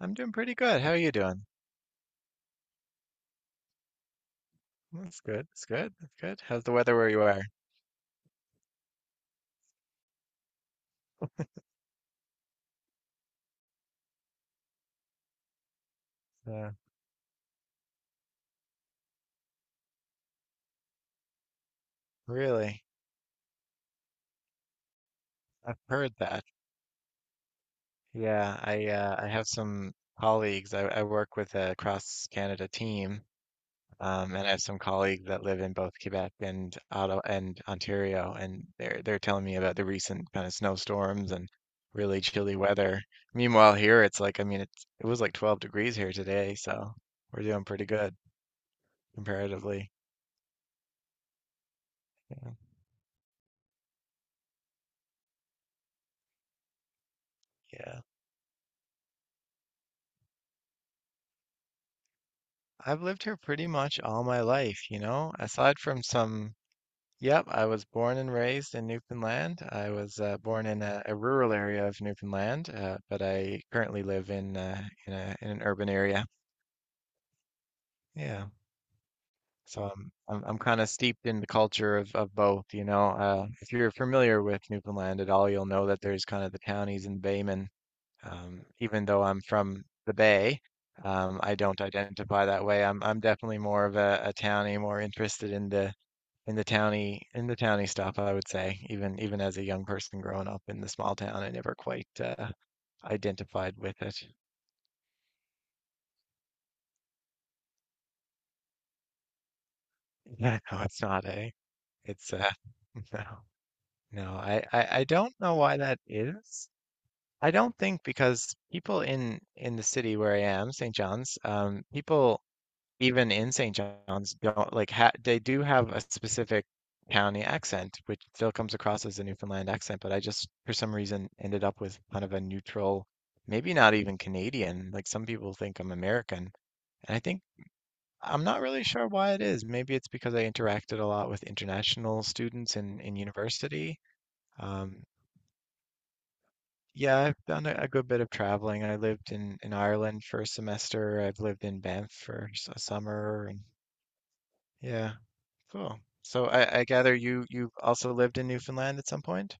I'm doing pretty good. How are you doing? That's good. That's good. That's good. How's the weather where you are? Uh, really? I've heard that. Yeah, I have some colleagues. I work with a cross Canada team, and I have some colleagues that live in both Quebec and Ottawa and Ontario, and they're telling me about the recent kind of snowstorms and really chilly weather. Meanwhile, here it's like I mean, it was like 12 degrees here today, so we're doing pretty good comparatively. Yeah. I've lived here pretty much all my life, you know, aside from some, yep, I was born and raised in Newfoundland. I was born in a rural area of Newfoundland, but I currently live in in an urban area. Yeah. So I'm kind of steeped in the culture of both, you know. If you're familiar with Newfoundland at all, you'll know that there's kind of the townies and baymen. Even though I'm from the Bay, I don't identify that way. I'm definitely more of a townie, more interested in the towny stuff, I would say, even as a young person growing up in the small town, I never quite identified with it. Yeah, no, it's not a. It's no, no. I don't know why that is. I don't think because people in the city where I am, St. John's, people even in St. John's don't like ha they do have a specific county accent, which still comes across as a Newfoundland accent, but I just for some reason ended up with kind of a neutral, maybe not even Canadian. Like some people think I'm American, and I think I'm not really sure why it is. Maybe it's because I interacted a lot with international students in university. Um, yeah, I've done a good bit of traveling. I lived in Ireland for a semester. I've lived in Banff for a summer, and yeah. Cool. So I gather you also lived in Newfoundland at some point?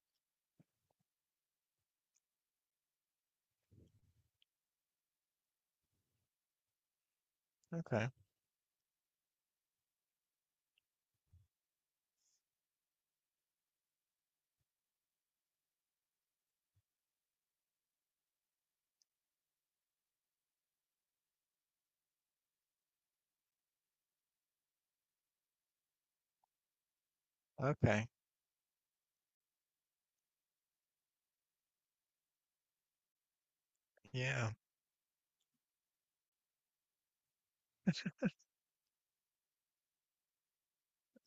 Okay. Okay. Yeah,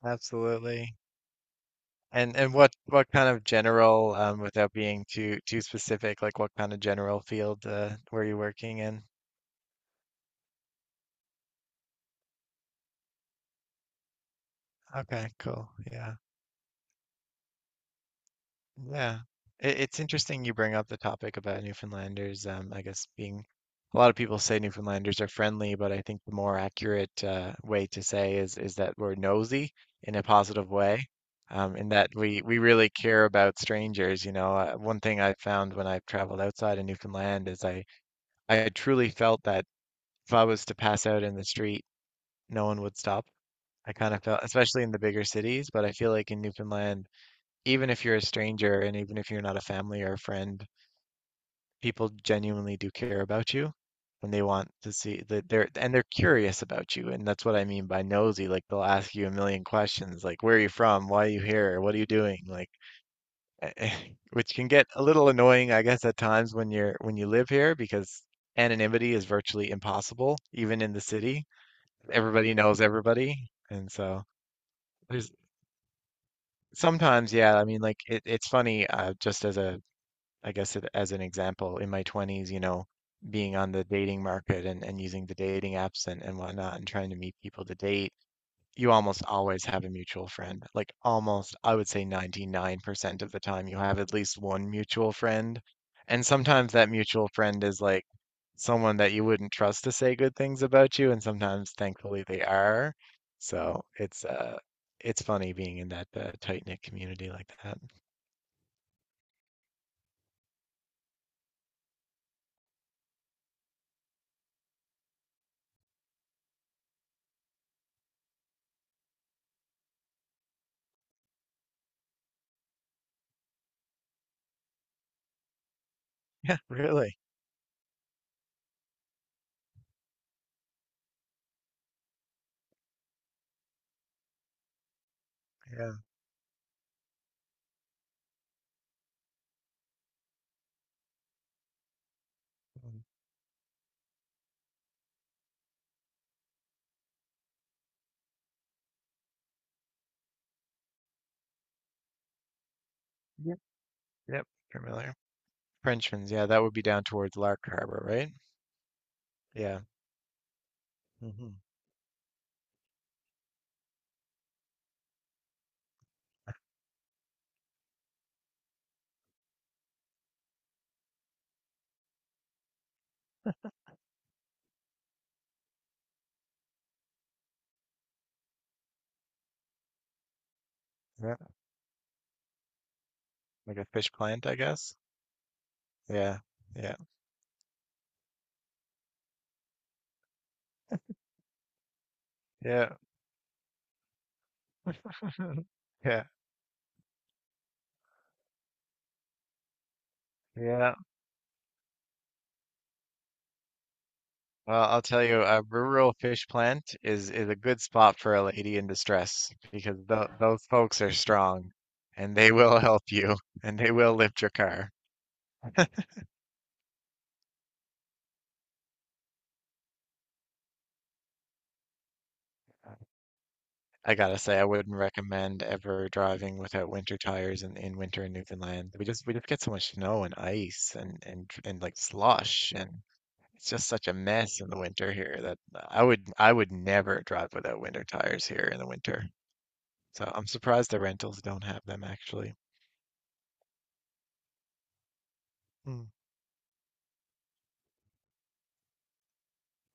absolutely. And what kind of general without being too specific, like what kind of general field were you working in? Okay, cool. Yeah. Yeah. It, it's interesting you bring up the topic about Newfoundlanders. I guess being a lot of people say Newfoundlanders are friendly, but I think the more accurate way to say is that we're nosy in a positive way, in that we really care about strangers. You know, one thing I found when I've traveled outside of Newfoundland is I truly felt that if I was to pass out in the street, no one would stop. I kind of felt, especially in the bigger cities, but I feel like in Newfoundland even if you're a stranger and even if you're not a family or a friend, people genuinely do care about you and they want to see that they're and they're curious about you. And that's what I mean by nosy. Like they'll ask you a million questions, like where are you from? Why are you here? What are you doing? Like which can get a little annoying, I guess, at times when you live here because anonymity is virtually impossible, even in the city. Everybody knows everybody. And so there's sometimes, yeah, I mean, like it's funny, just as a I guess as an example, in my 20s, you know, being on the dating market and using the dating apps and whatnot and trying to meet people to date, you almost always have a mutual friend. Like almost, I would say 99% of the time, you have at least one mutual friend. And sometimes that mutual friend is like someone that you wouldn't trust to say good things about you. And sometimes, thankfully, they are. So it's funny being in that tight-knit community like that. Yeah, really. Yeah. Yep, familiar. Frenchman's, yeah, that would be down towards Lark Harbor, right? Yeah. Hmm. Yeah, like a fish plant, I guess. Yeah, yeah, yeah, yeah, yeah. Well, I'll tell you, a rural fish plant is a good spot for a lady in distress because th those folks are strong, and they will help you, and they will lift your car. I gotta say, I wouldn't recommend ever driving without winter tires in winter in Newfoundland. We just get so much snow and ice and like slush and it's just such a mess in the winter here that I would never drive without winter tires here in the winter. So I'm surprised the rentals don't have them actually. Mm,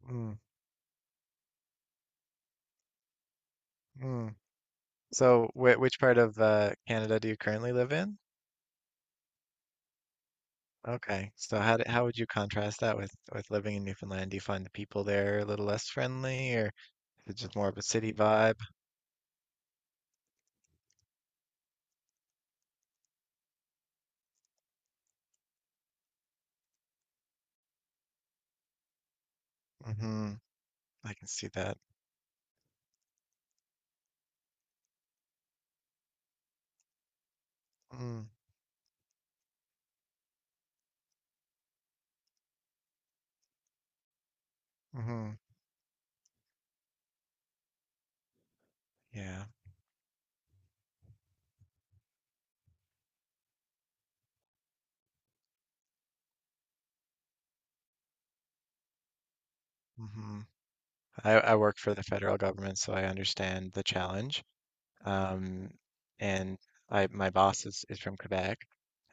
mm, mm. So wh which part of Canada do you currently live in? Okay. So how would you contrast that with living in Newfoundland? Do you find the people there a little less friendly, or is it just more of a city vibe? Hmm. I can see that. Mm, hmm. Yeah. Hmm. I work for the federal government, so I understand the challenge. Um, and I my boss is from Quebec,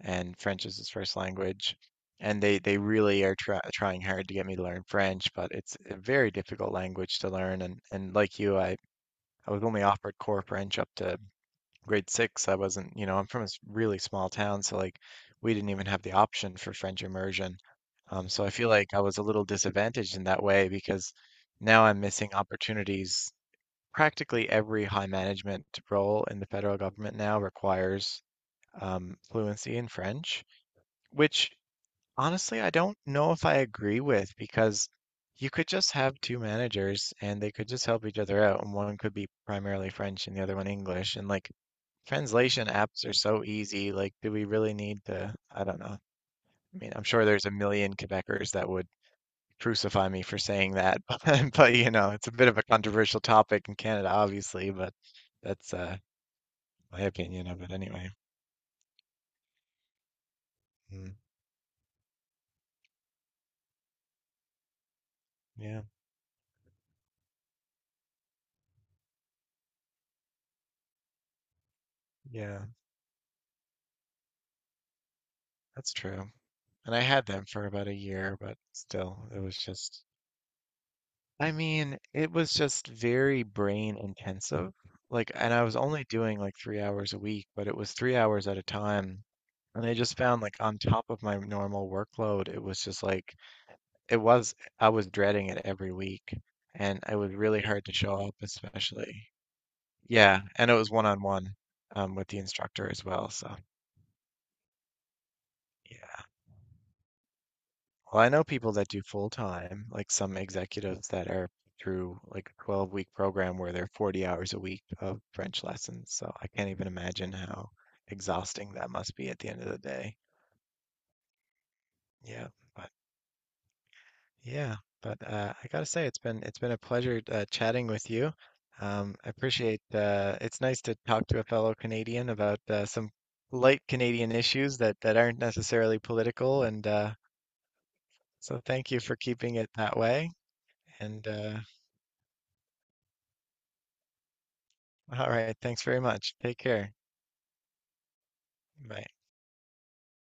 and French is his first language. And they really are trying hard to get me to learn French, but it's a very difficult language to learn. And like you, I was only offered core French up to grade six. I wasn't, you know, I'm from a really small town, so like we didn't even have the option for French immersion. So I feel like I was a little disadvantaged in that way because now I'm missing opportunities practically every high management role in the federal government now requires fluency in French, which honestly, I don't know if I agree with because you could just have two managers and they could just help each other out, and one could be primarily French and the other one English. And like translation apps are so easy. Like, do we really need to? I don't know. I mean, I'm sure there's a million Quebecers that would crucify me for saying that, but you know, it's a bit of a controversial topic in Canada, obviously, but that's my opinion of it anyway. Mm, yeah, yeah, that's true. And I had them for about a year, but still, it was just, I mean, it was just very brain intensive. Like, and I was only doing like 3 hours a week, but it was 3 hours at a time. And I just found like on top of my normal workload, it was just like, I was dreading it every week. And it was really hard to show up, especially. Yeah. And it was one on one with the instructor as well. So, yeah. Well, I know people that do full time, like some executives that are through like a 12-week program where they're 40 hours a week of French lessons. So I can't even imagine how exhausting that must be at the end of the day. Yeah, but yeah, but I gotta say it's been a pleasure chatting with you. I appreciate it's nice to talk to a fellow Canadian about some light Canadian issues that aren't necessarily political, and so thank you for keeping it that way. And All right. Thanks very much. Take care. Bye.